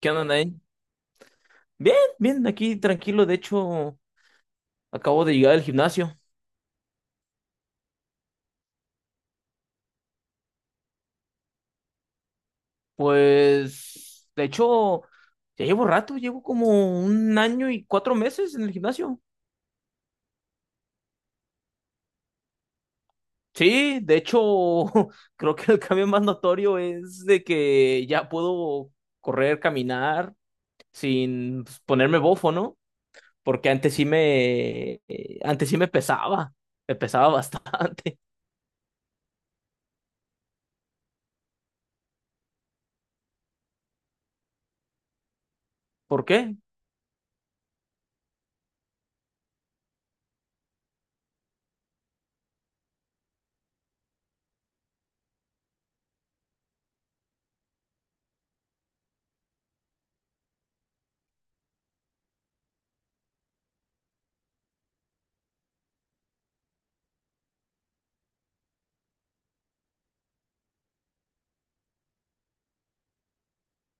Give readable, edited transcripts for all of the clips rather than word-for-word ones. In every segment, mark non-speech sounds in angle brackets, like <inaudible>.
¿Qué onda, Nain? Bien, bien, aquí tranquilo. De hecho, acabo de llegar al gimnasio. Pues, de hecho, ya llevo rato, llevo como un año y 4 meses en el gimnasio. Sí, de hecho, <laughs> creo que el cambio más notorio es de que ya puedo correr, caminar sin pues, ponerme bofo, ¿no? Porque antes sí me pesaba bastante. <laughs> ¿Por qué?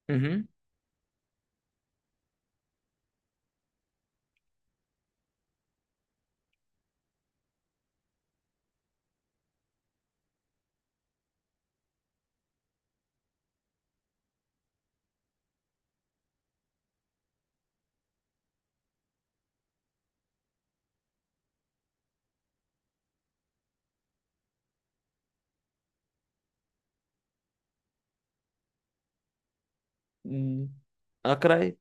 Ujú. Mm. Ah, caray.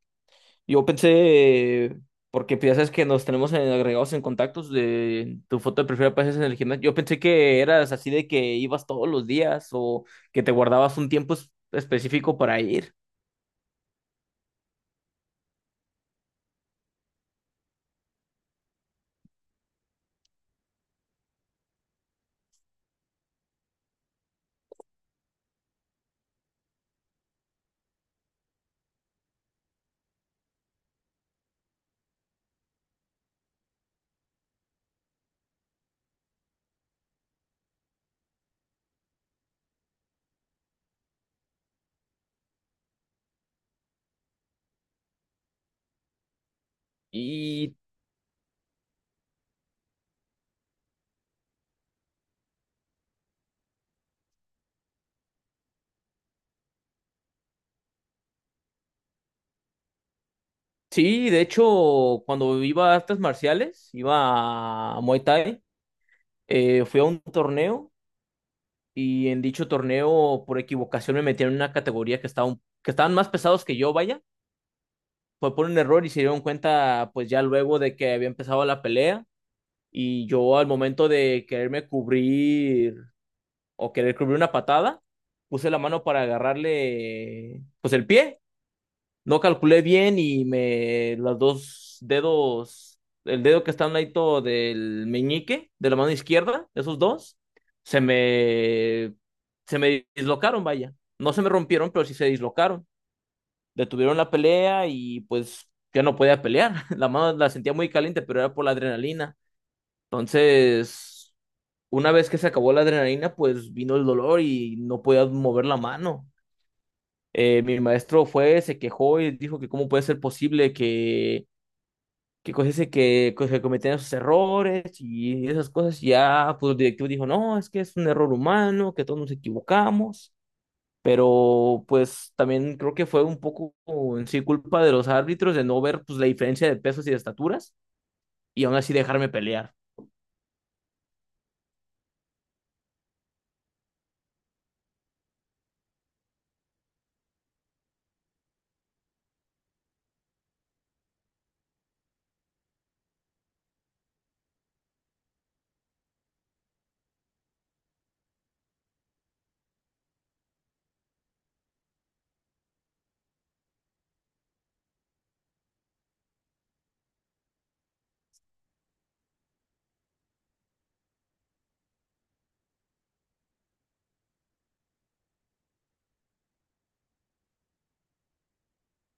Yo pensé, porque pues, ya sabes que nos tenemos agregados en contactos de tu foto de perfil apareces en el gimnasio. Yo pensé que eras así de que ibas todos los días o que te guardabas un tiempo específico para ir. Y sí, de hecho, cuando iba a artes marciales, iba a Muay Thai, fui a un torneo y en dicho torneo, por equivocación, me metieron en una categoría que estaba, que estaban más pesados que yo, vaya. Fue por un error y se dieron cuenta, pues ya luego de que había empezado la pelea. Y yo al momento de quererme cubrir o querer cubrir una patada, puse la mano para agarrarle pues el pie. No calculé bien y me los dos dedos, el dedo que está al lado del meñique de la mano izquierda, esos dos, se me se me dislocaron, vaya. No se me rompieron, pero sí se dislocaron. Detuvieron la pelea y pues ya no podía pelear. <laughs> La mano la sentía muy caliente, pero era por la adrenalina. Entonces, una vez que se acabó la adrenalina, pues vino el dolor y no podía mover la mano. Mi maestro fue, se quejó y dijo que cómo puede ser posible que, que cometían esos errores y esas cosas. Ya, pues el directivo dijo, no, es que es un error humano, que todos nos equivocamos. Pero pues también creo que fue un poco en sí culpa de los árbitros de no ver pues la diferencia de pesos y de estaturas y aún así dejarme pelear.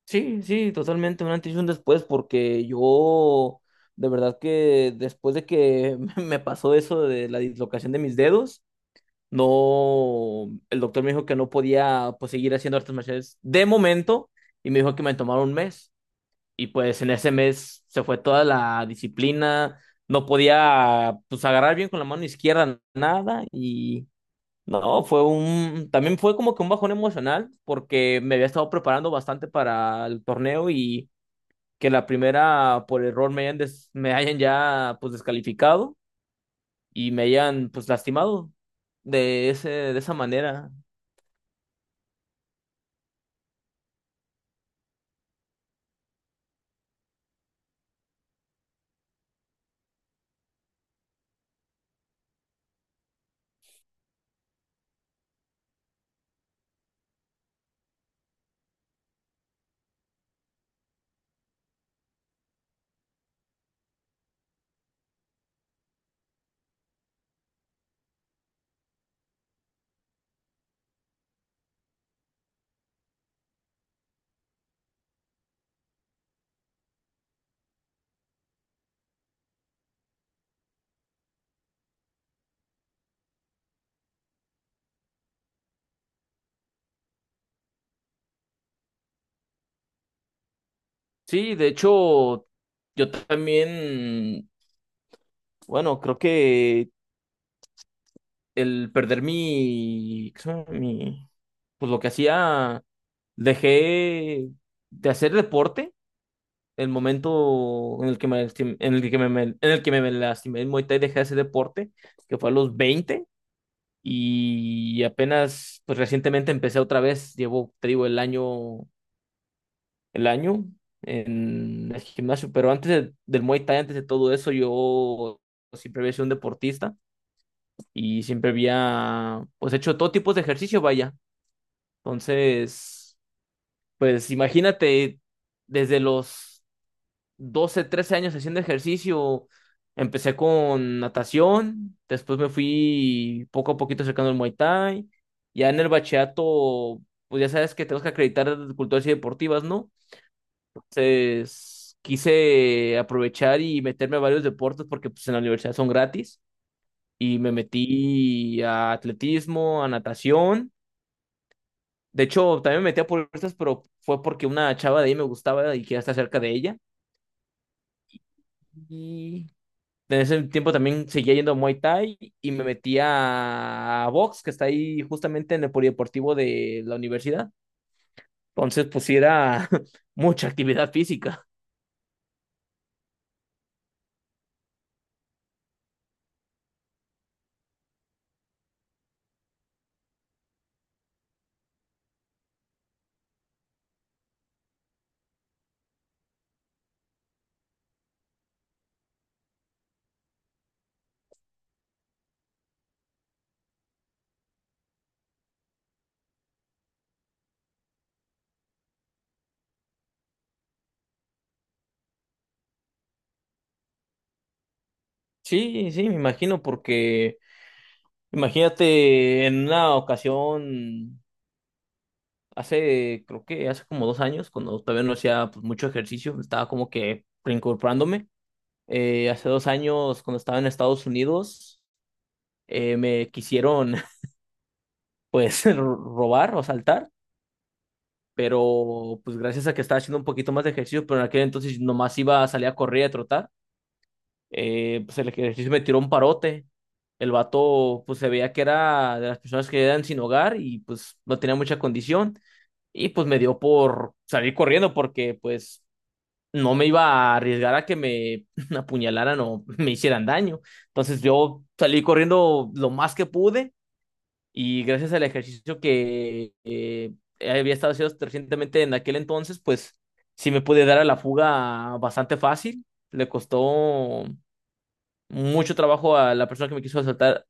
Sí, sí, totalmente un antes y un después, porque yo de verdad que después de que <laughs> me pasó eso de la dislocación de mis dedos, no, el doctor me dijo que no podía pues seguir haciendo artes marciales de momento y me dijo que me tomara un mes y pues en ese mes se fue toda la disciplina, no podía pues agarrar bien con la mano izquierda nada y no, fue un, también fue como que un bajón emocional porque me había estado preparando bastante para el torneo y que la primera por error me hayan ya pues descalificado y me hayan pues lastimado de ese, de esa manera. Sí, de hecho, yo también, bueno, creo que el perder mi, ¿qué se llama? Mi, pues lo que hacía, dejé de hacer deporte. El momento en el que me, lastim- en el que me- en el que me me lastimé en Muay Thai, dejé de hacer deporte, que fue a los 20. Y apenas, pues recientemente empecé otra vez, llevo, te digo, el año en el gimnasio, pero antes del Muay Thai, antes de todo eso, yo siempre había sido un deportista y siempre había, pues, hecho todo tipo de ejercicio, vaya. Entonces, pues imagínate, desde los 12, 13 años haciendo ejercicio. Empecé con natación, después me fui poco a poquito acercando al Muay Thai. Ya en el bachillerato, pues ya sabes que tenemos que acreditar culturas y deportivas, ¿no? Entonces quise aprovechar y meterme a varios deportes porque pues en la universidad son gratis. Y me metí a atletismo, a natación. De hecho, también me metí a puertas, pero fue porque una chava de ahí me gustaba y quería estar cerca de ella. Y en ese tiempo también seguía yendo a Muay Thai y me metí a box, que está ahí justamente en el polideportivo de la universidad. Entonces, pues sí era <laughs> mucha actividad física. Sí, sí, me imagino, porque imagínate en una ocasión, hace, creo que hace como 2 años, cuando todavía no hacía pues, mucho ejercicio, estaba como que reincorporándome. Hace 2 años, cuando estaba en Estados Unidos, me quisieron, <laughs> pues, <laughs> robar o asaltar, pero pues gracias a que estaba haciendo un poquito más de ejercicio, pero en aquel entonces nomás iba a salir a correr y a trotar, pues el ejercicio me tiró un parote. El vato pues se veía que era de las personas que eran sin hogar y pues no tenía mucha condición y pues me dio por salir corriendo porque pues no me iba a arriesgar a que me <laughs> apuñalaran o me hicieran daño. Entonces yo salí corriendo lo más que pude y gracias al ejercicio que había estado haciendo recientemente en aquel entonces, pues sí me pude dar a la fuga bastante fácil. Le costó mucho trabajo a la persona que me quiso asaltar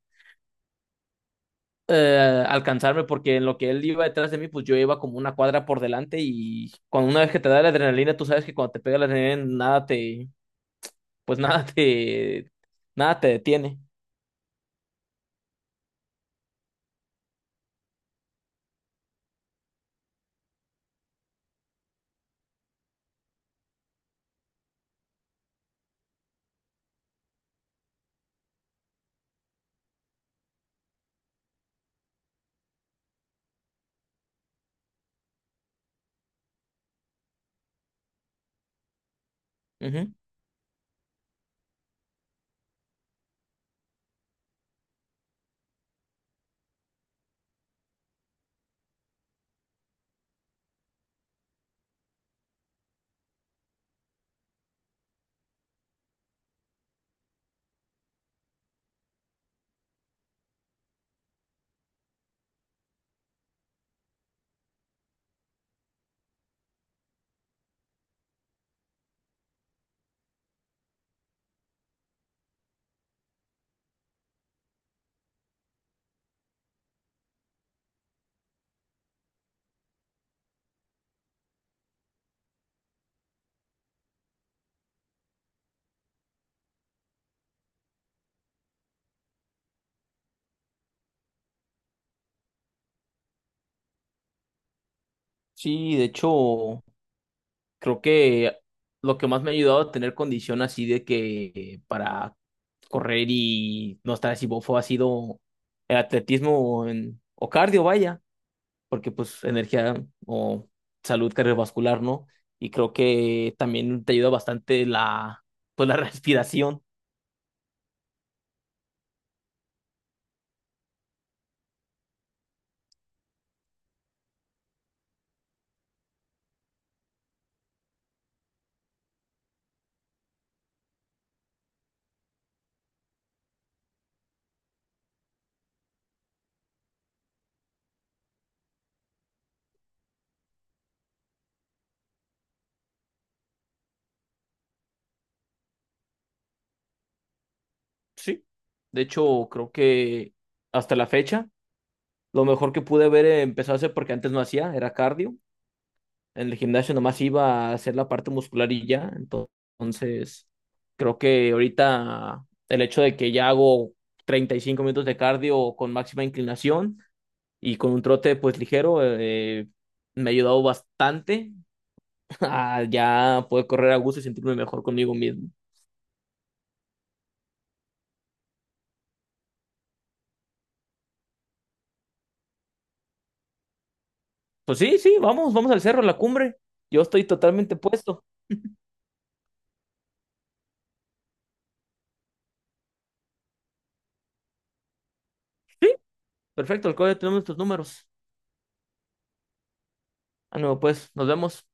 alcanzarme porque en lo que él iba detrás de mí, pues yo iba como una cuadra por delante y cuando una vez que te da la adrenalina, tú sabes que cuando te pega la adrenalina, nada te, pues <laughs> nada te, nada te detiene. Ujú. Sí, de hecho, creo que lo que más me ha ayudado a tener condición así de que para correr y no estar así bofo ha sido el atletismo, o o cardio, vaya, porque pues energía o salud cardiovascular, ¿no? Y creo que también te ayuda bastante la, pues la <laughs> respiración, sí. De hecho, creo que hasta la fecha, lo mejor que pude haber empezado a hacer, porque antes no hacía, era cardio. En el gimnasio nomás iba a hacer la parte muscular y ya. Entonces, creo que ahorita el hecho de que ya hago 35 minutos de cardio con máxima inclinación y con un trote pues ligero, me ha ayudado bastante <laughs> a ya poder correr a gusto y sentirme mejor conmigo mismo. Pues sí, sí, vamos, vamos al cerro, a la cumbre. Yo estoy totalmente puesto. Perfecto, al código tenemos nuestros números. Ah, no, pues, nos vemos.